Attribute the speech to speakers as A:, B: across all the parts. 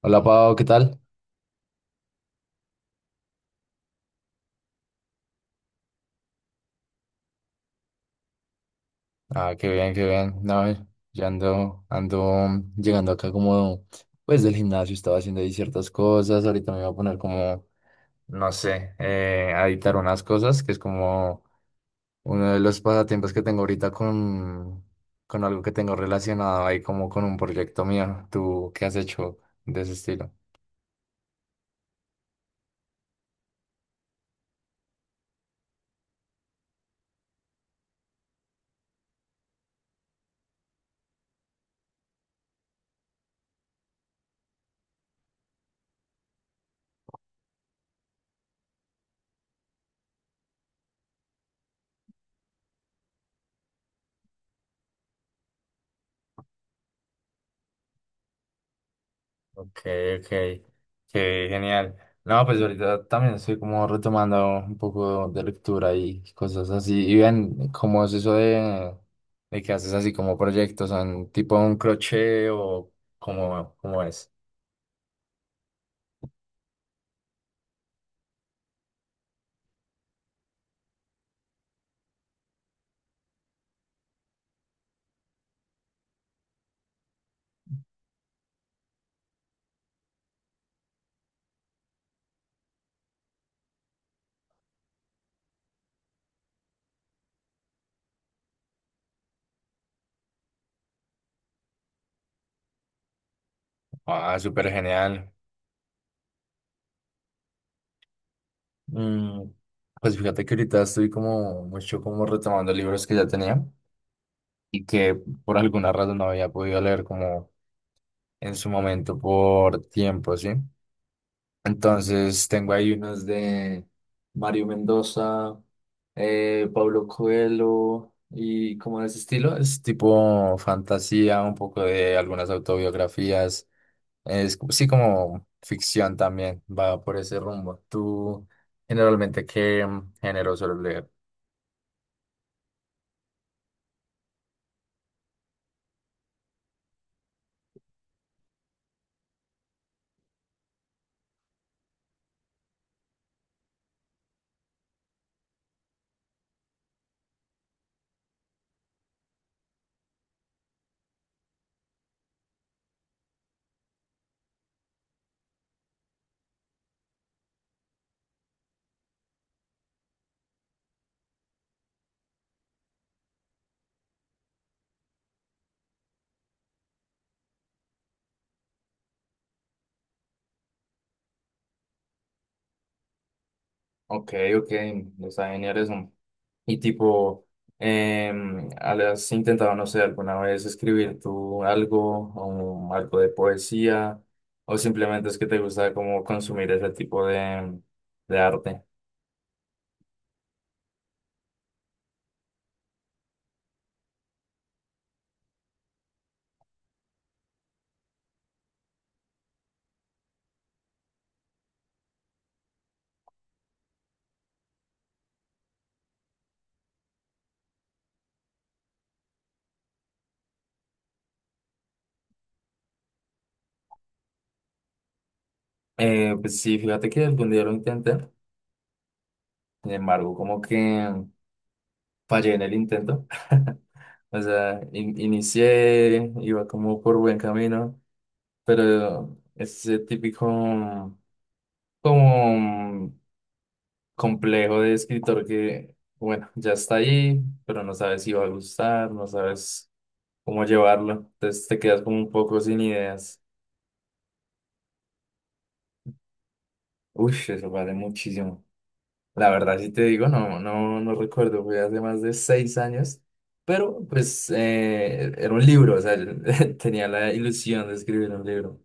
A: Hola Pau, ¿qué tal? Ah, qué bien, qué bien. No, yo ando, ando, llegando acá como, pues del gimnasio estaba haciendo ahí ciertas cosas. Ahorita me voy a poner como, no sé, a editar unas cosas, que es como uno de los pasatiempos que tengo ahorita con algo que tengo relacionado ahí como con un proyecto mío. ¿Tú qué has hecho de ese estilo? Ok, ok, qué genial. No, pues ahorita también estoy como retomando un poco de lectura y cosas así. Y ven, ¿cómo es eso de que haces así como proyectos? ¿Son tipo un crochet o cómo es? Ah, súper genial. Mm, pues fíjate que ahorita estoy como mucho como retomando libros que ya tenía y que por alguna razón no había podido leer como en su momento por tiempo, ¿sí? Entonces tengo ahí unos de Mario Mendoza, Pablo Coelho y como de ese estilo. Es tipo fantasía, un poco de algunas autobiografías. Es sí como ficción también, va por ese rumbo. ¿Tú generalmente qué género sueles leer? Ok, ok, está genial eso. Y tipo, ¿has intentado, no sé, alguna vez escribir tú algo o algo de poesía? ¿O simplemente es que te gusta como consumir ese tipo de arte? Pues sí, fíjate que algún día lo intenté, sin embargo, como que fallé en el intento. O sea, inicié, iba como por buen camino, pero ese típico como complejo de escritor que, bueno, ya está ahí, pero no sabes si va a gustar, no sabes cómo llevarlo. Entonces te quedas como un poco sin ideas. Uy, eso vale muchísimo. La verdad, si te digo, no recuerdo, fue hace más de seis años, pero pues era un libro, o sea, tenía la ilusión de escribir un libro,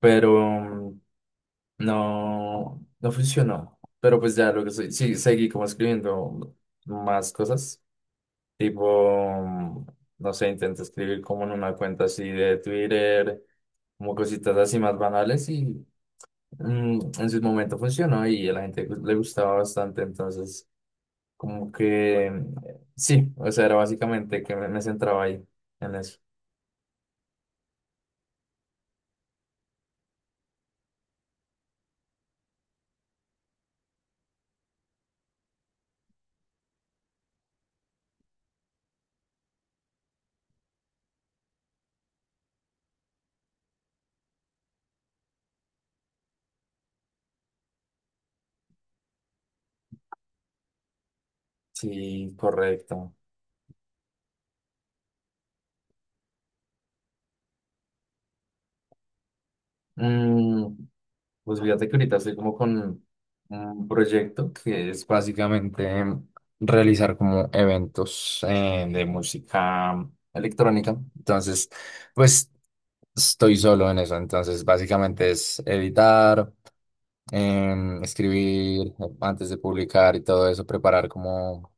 A: pero no, no funcionó. Pero pues ya lo que soy, sí, seguí como escribiendo más cosas. Tipo, no sé, intento escribir como en una cuenta así de Twitter, como cositas así más banales y en su momento funcionó y a la gente le gustaba bastante, entonces como que sí, o sea, era básicamente que me centraba ahí en eso. Sí, correcto. Mm, pues fíjate que ahorita estoy como con un proyecto que es básicamente realizar como eventos de música electrónica. Entonces, pues estoy solo en eso. Entonces, básicamente es editar, escribir antes de publicar y todo eso, preparar como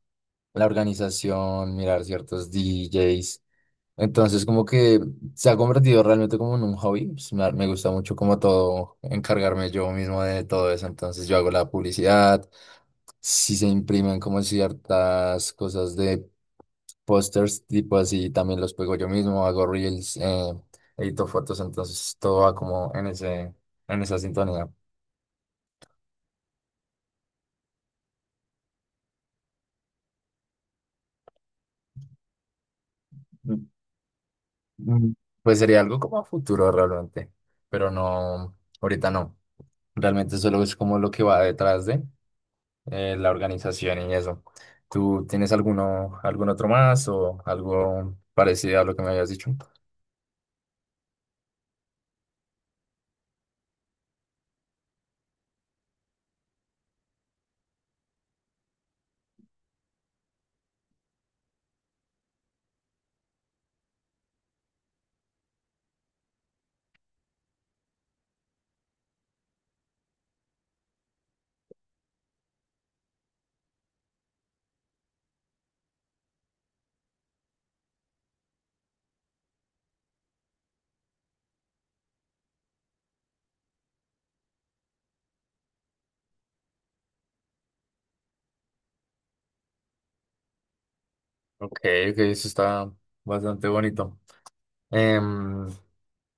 A: la organización, mirar ciertos DJs. Entonces, como que se ha convertido realmente como en un hobby. Pues, me gusta mucho como todo, encargarme yo mismo de todo eso. Entonces, yo hago la publicidad. Si se imprimen como ciertas cosas de pósters, tipo así, también los pego yo mismo. Hago reels, edito fotos. Entonces, todo va como en en esa sintonía. Mm, mm, Pues sería algo como a futuro realmente. Pero no, ahorita no. Realmente solo es como lo que va detrás de. La organización y eso. ¿Tú tienes algún otro más o algo parecido a lo que me habías dicho? Ok, ok, eso está bastante bonito. Em,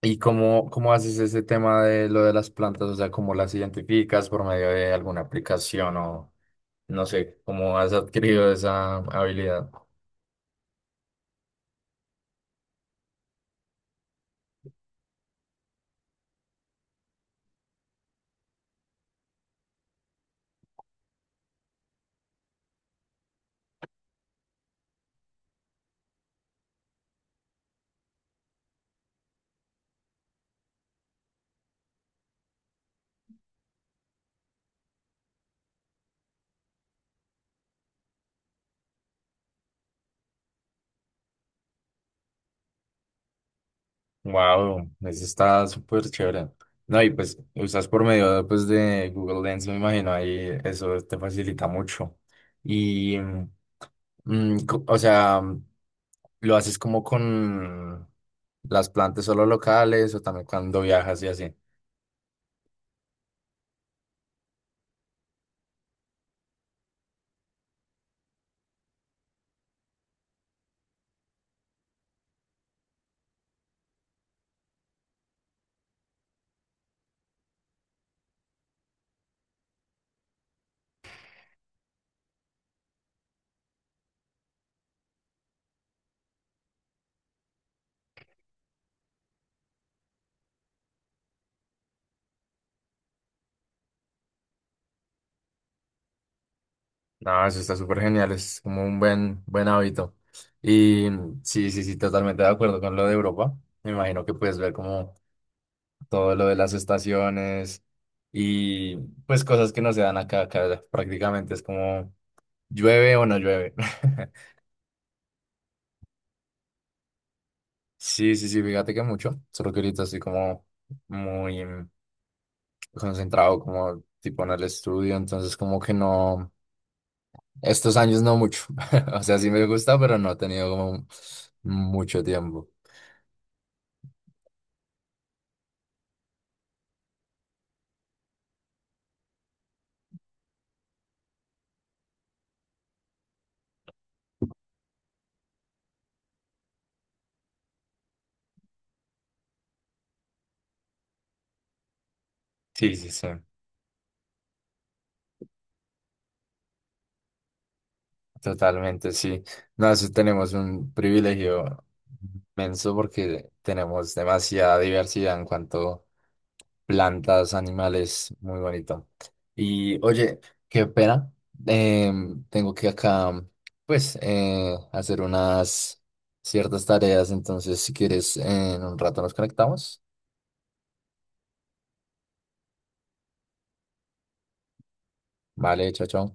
A: ¿Y cómo haces ese tema de lo de las plantas? O sea, ¿cómo las identificas por medio de alguna aplicación o no sé, cómo has adquirido esa habilidad? Wow, eso está súper chévere. No, y pues usas por medio pues, de Google Lens, me imagino, ahí eso te facilita mucho. Y, o sea, ¿lo haces como con las plantas solo locales o también cuando viajas y así? No, eso está súper genial, es como un buen, buen hábito. Y sí, sí, sí, totalmente de acuerdo con lo de Europa. Me imagino que puedes ver como todo lo de las estaciones y pues cosas que no se dan acá, acá prácticamente es como llueve o no llueve. Sí, sí, sí, fíjate que mucho, solo que ahorita estoy como muy concentrado como tipo en el estudio, entonces como que no, estos años no mucho, o sea, sí me gusta, pero no he tenido como mucho tiempo. Sí, sí, sí. Totalmente, sí. No, eso tenemos un privilegio inmenso porque tenemos demasiada diversidad en cuanto plantas, animales, muy bonito. Y oye, qué pena, tengo que acá, pues, hacer unas ciertas tareas, entonces si quieres, en un rato nos conectamos. Vale, chao, chao.